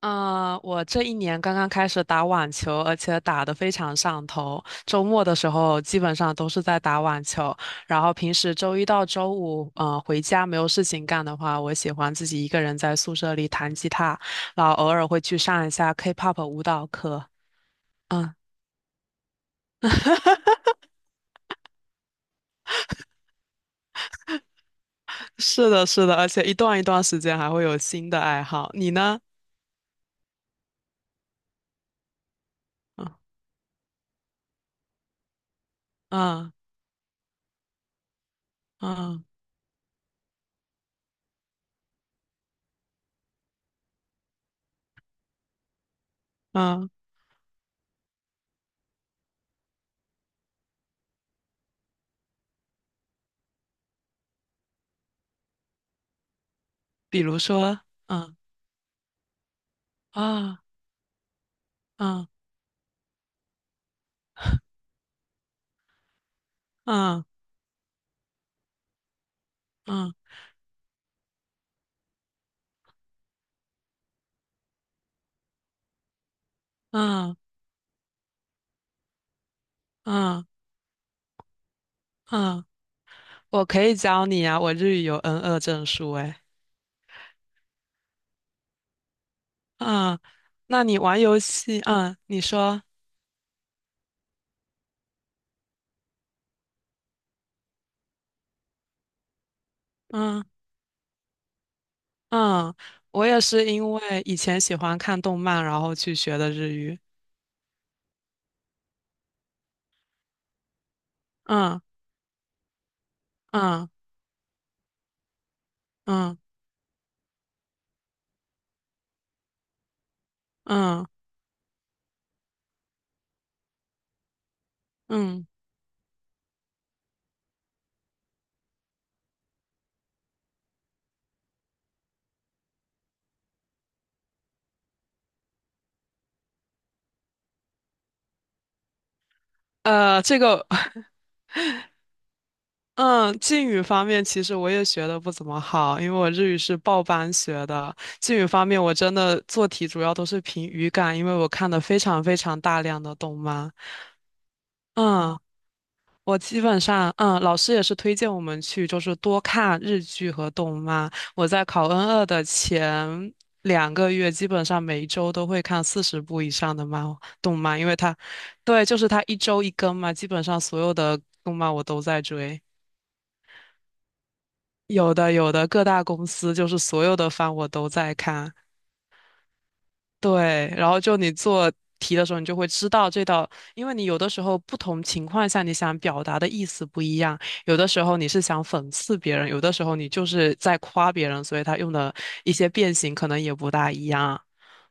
嗯，我这一年刚刚开始打网球，而且打得非常上头。周末的时候基本上都是在打网球，然后平时周一到周五，回家没有事情干的话，我喜欢自己一个人在宿舍里弹吉他，然后偶尔会去上一下 K-pop 舞蹈课。嗯，是的，是的，而且一段一段时间还会有新的爱好。你呢？嗯嗯嗯嗯，比如说，嗯啊嗯嗯嗯嗯嗯。嗯嗯，我可以教你啊，我日语有 n 二证书诶。嗯，那你玩游戏，嗯，你说，嗯嗯，我也是因为以前喜欢看动漫，然后去学的日语。嗯嗯嗯嗯嗯，这个，嗯，敬语方面其实我也学的不怎么好，因为我日语是报班学的。敬语方面，我真的做题主要都是凭语感，因为我看的非常非常大量的动漫。嗯。我基本上，老师也是推荐我们去，就是多看日剧和动漫。我在考 N 二的前2个月，基本上每一周都会看40部以上的动漫，因为它，对，就是它一周一更嘛，基本上所有的动漫我都在追，有的各大公司就是所有的番我都在看，对，然后就你做题的时候，你就会知道这道，因为你有的时候不同情况下你想表达的意思不一样，有的时候你是想讽刺别人，有的时候你就是在夸别人，所以他用的一些变形可能也不大一样。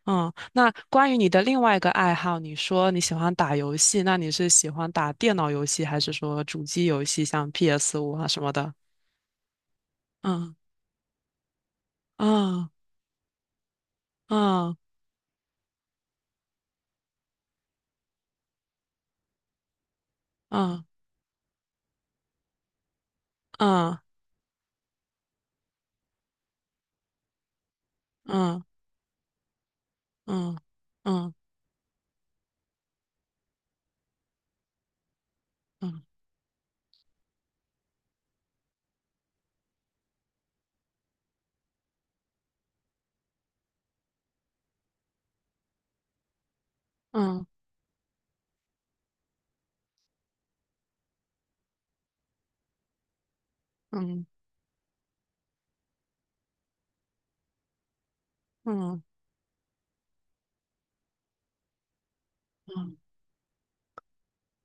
嗯，那关于你的另外一个爱好，你说你喜欢打游戏，那你是喜欢打电脑游戏，还是说主机游戏，像 PS5啊什么的？嗯嗯嗯嗯嗯嗯嗯嗯嗯嗯嗯。嗯嗯嗯，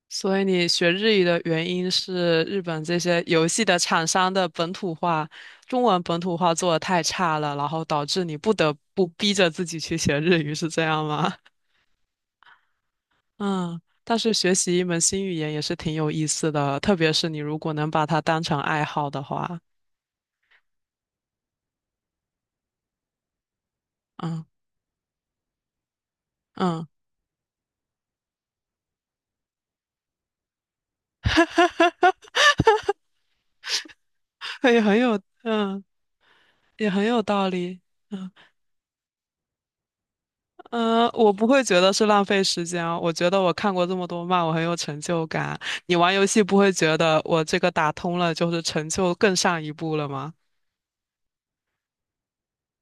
所以你学日语的原因是日本这些游戏的厂商的本土化，中文本土化做的太差了，然后导致你不得不逼着自己去学日语，是这样吗？嗯，但是学习一门新语言也是挺有意思的，特别是你如果能把它当成爱好的话，嗯嗯，也很有嗯也很有道理，嗯。嗯，我不会觉得是浪费时间啊，我觉得我看过这么多漫，我很有成就感。你玩游戏不会觉得我这个打通了就是成就更上一步了吗？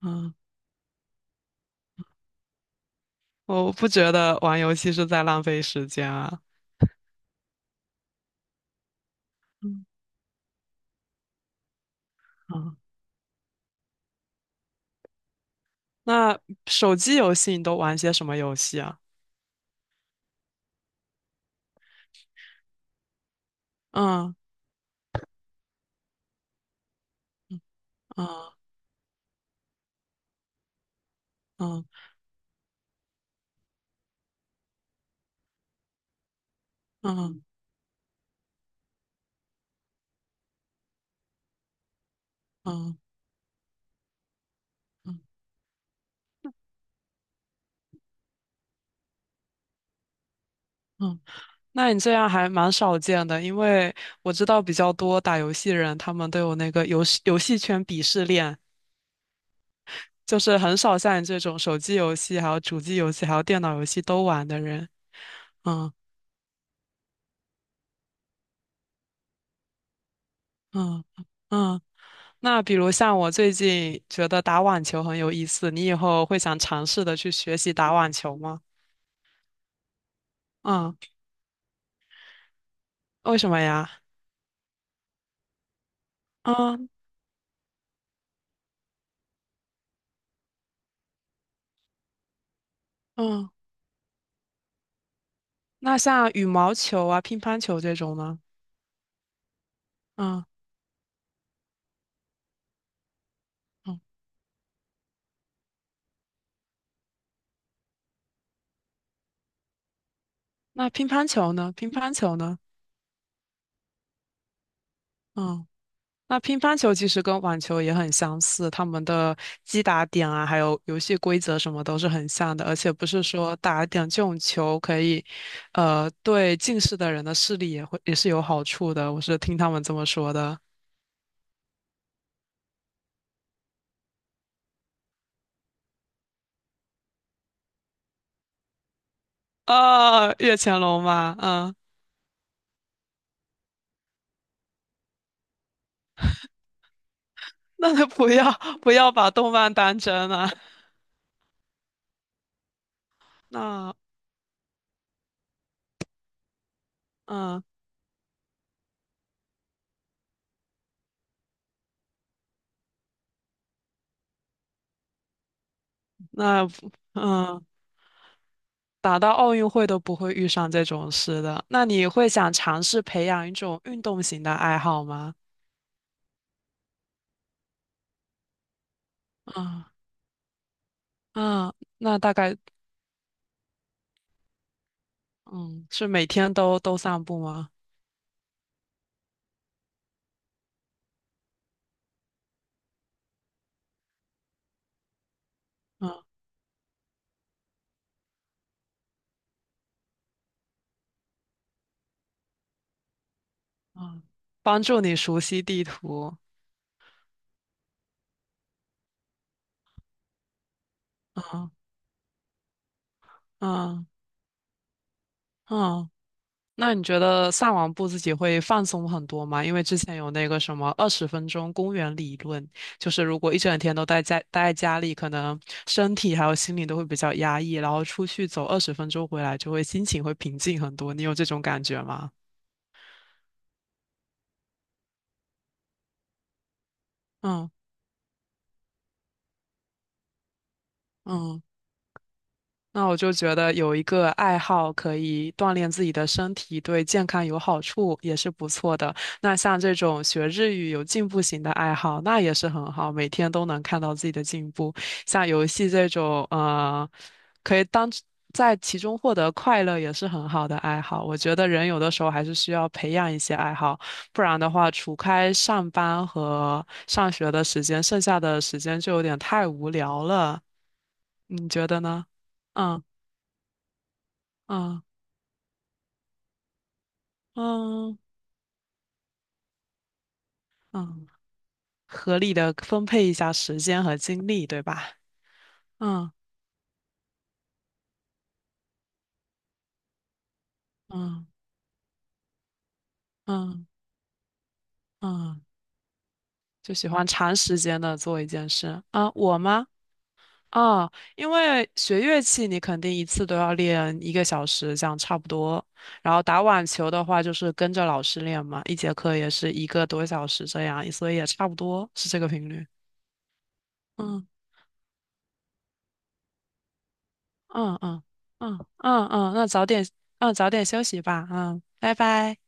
嗯，我不觉得玩游戏是在浪费时间啊。嗯嗯，那手机游戏你都玩些什么游戏啊？嗯嗯嗯嗯嗯嗯嗯，那你这样还蛮少见的，因为我知道比较多打游戏人，他们都有那个游戏圈鄙视链。就是很少像你这种手机游戏、还有主机游戏、还有电脑游戏都玩的人。嗯嗯嗯。那比如像我最近觉得打网球很有意思，你以后会想尝试的去学习打网球吗？嗯，为什么呀？嗯嗯。那像羽毛球啊、乒乓球这种呢？嗯嗯。那乒乓球呢？乒乓球呢？嗯。那乒乓球其实跟网球也很相似，他们的击打点啊，还有游戏规则什么都是很像的，而且不是说打点这种球可以，对近视的人的视力也是有好处的。我是听他们这么说的。啊，越前龙嘛，嗯，那就不要把动漫当真了。那嗯，那嗯，打到奥运会都不会遇上这种事的。那你会想尝试培养一种运动型的爱好吗？嗯。啊，那大概嗯，是每天都散步吗？嗯嗯，帮助你熟悉地图。嗯嗯嗯，那你觉得散完步自己会放松很多吗？因为之前有那个什么二十分钟公园理论，就是如果一整天都待在家里，可能身体还有心理都会比较压抑，然后出去走二十分钟回来，就会心情会平静很多。你有这种感觉吗？嗯嗯，那我就觉得有一个爱好可以锻炼自己的身体，对健康有好处，也是不错的。那像这种学日语有进步型的爱好，那也是很好，每天都能看到自己的进步。像游戏这种，可以当在其中获得快乐，也是很好的爱好。我觉得人有的时候还是需要培养一些爱好，不然的话，除开上班和上学的时间，剩下的时间就有点太无聊了。你觉得呢？嗯。嗯嗯嗯，合理的分配一下时间和精力，对吧？嗯嗯嗯嗯，就喜欢长时间的做一件事啊，我吗？啊，因为学乐器你肯定一次都要练一个小时，这样差不多。然后打网球的话，就是跟着老师练嘛，一节课也是一个多小时这样，所以也差不多是这个频率。嗯嗯嗯嗯嗯嗯，那早点休息吧，嗯，拜拜。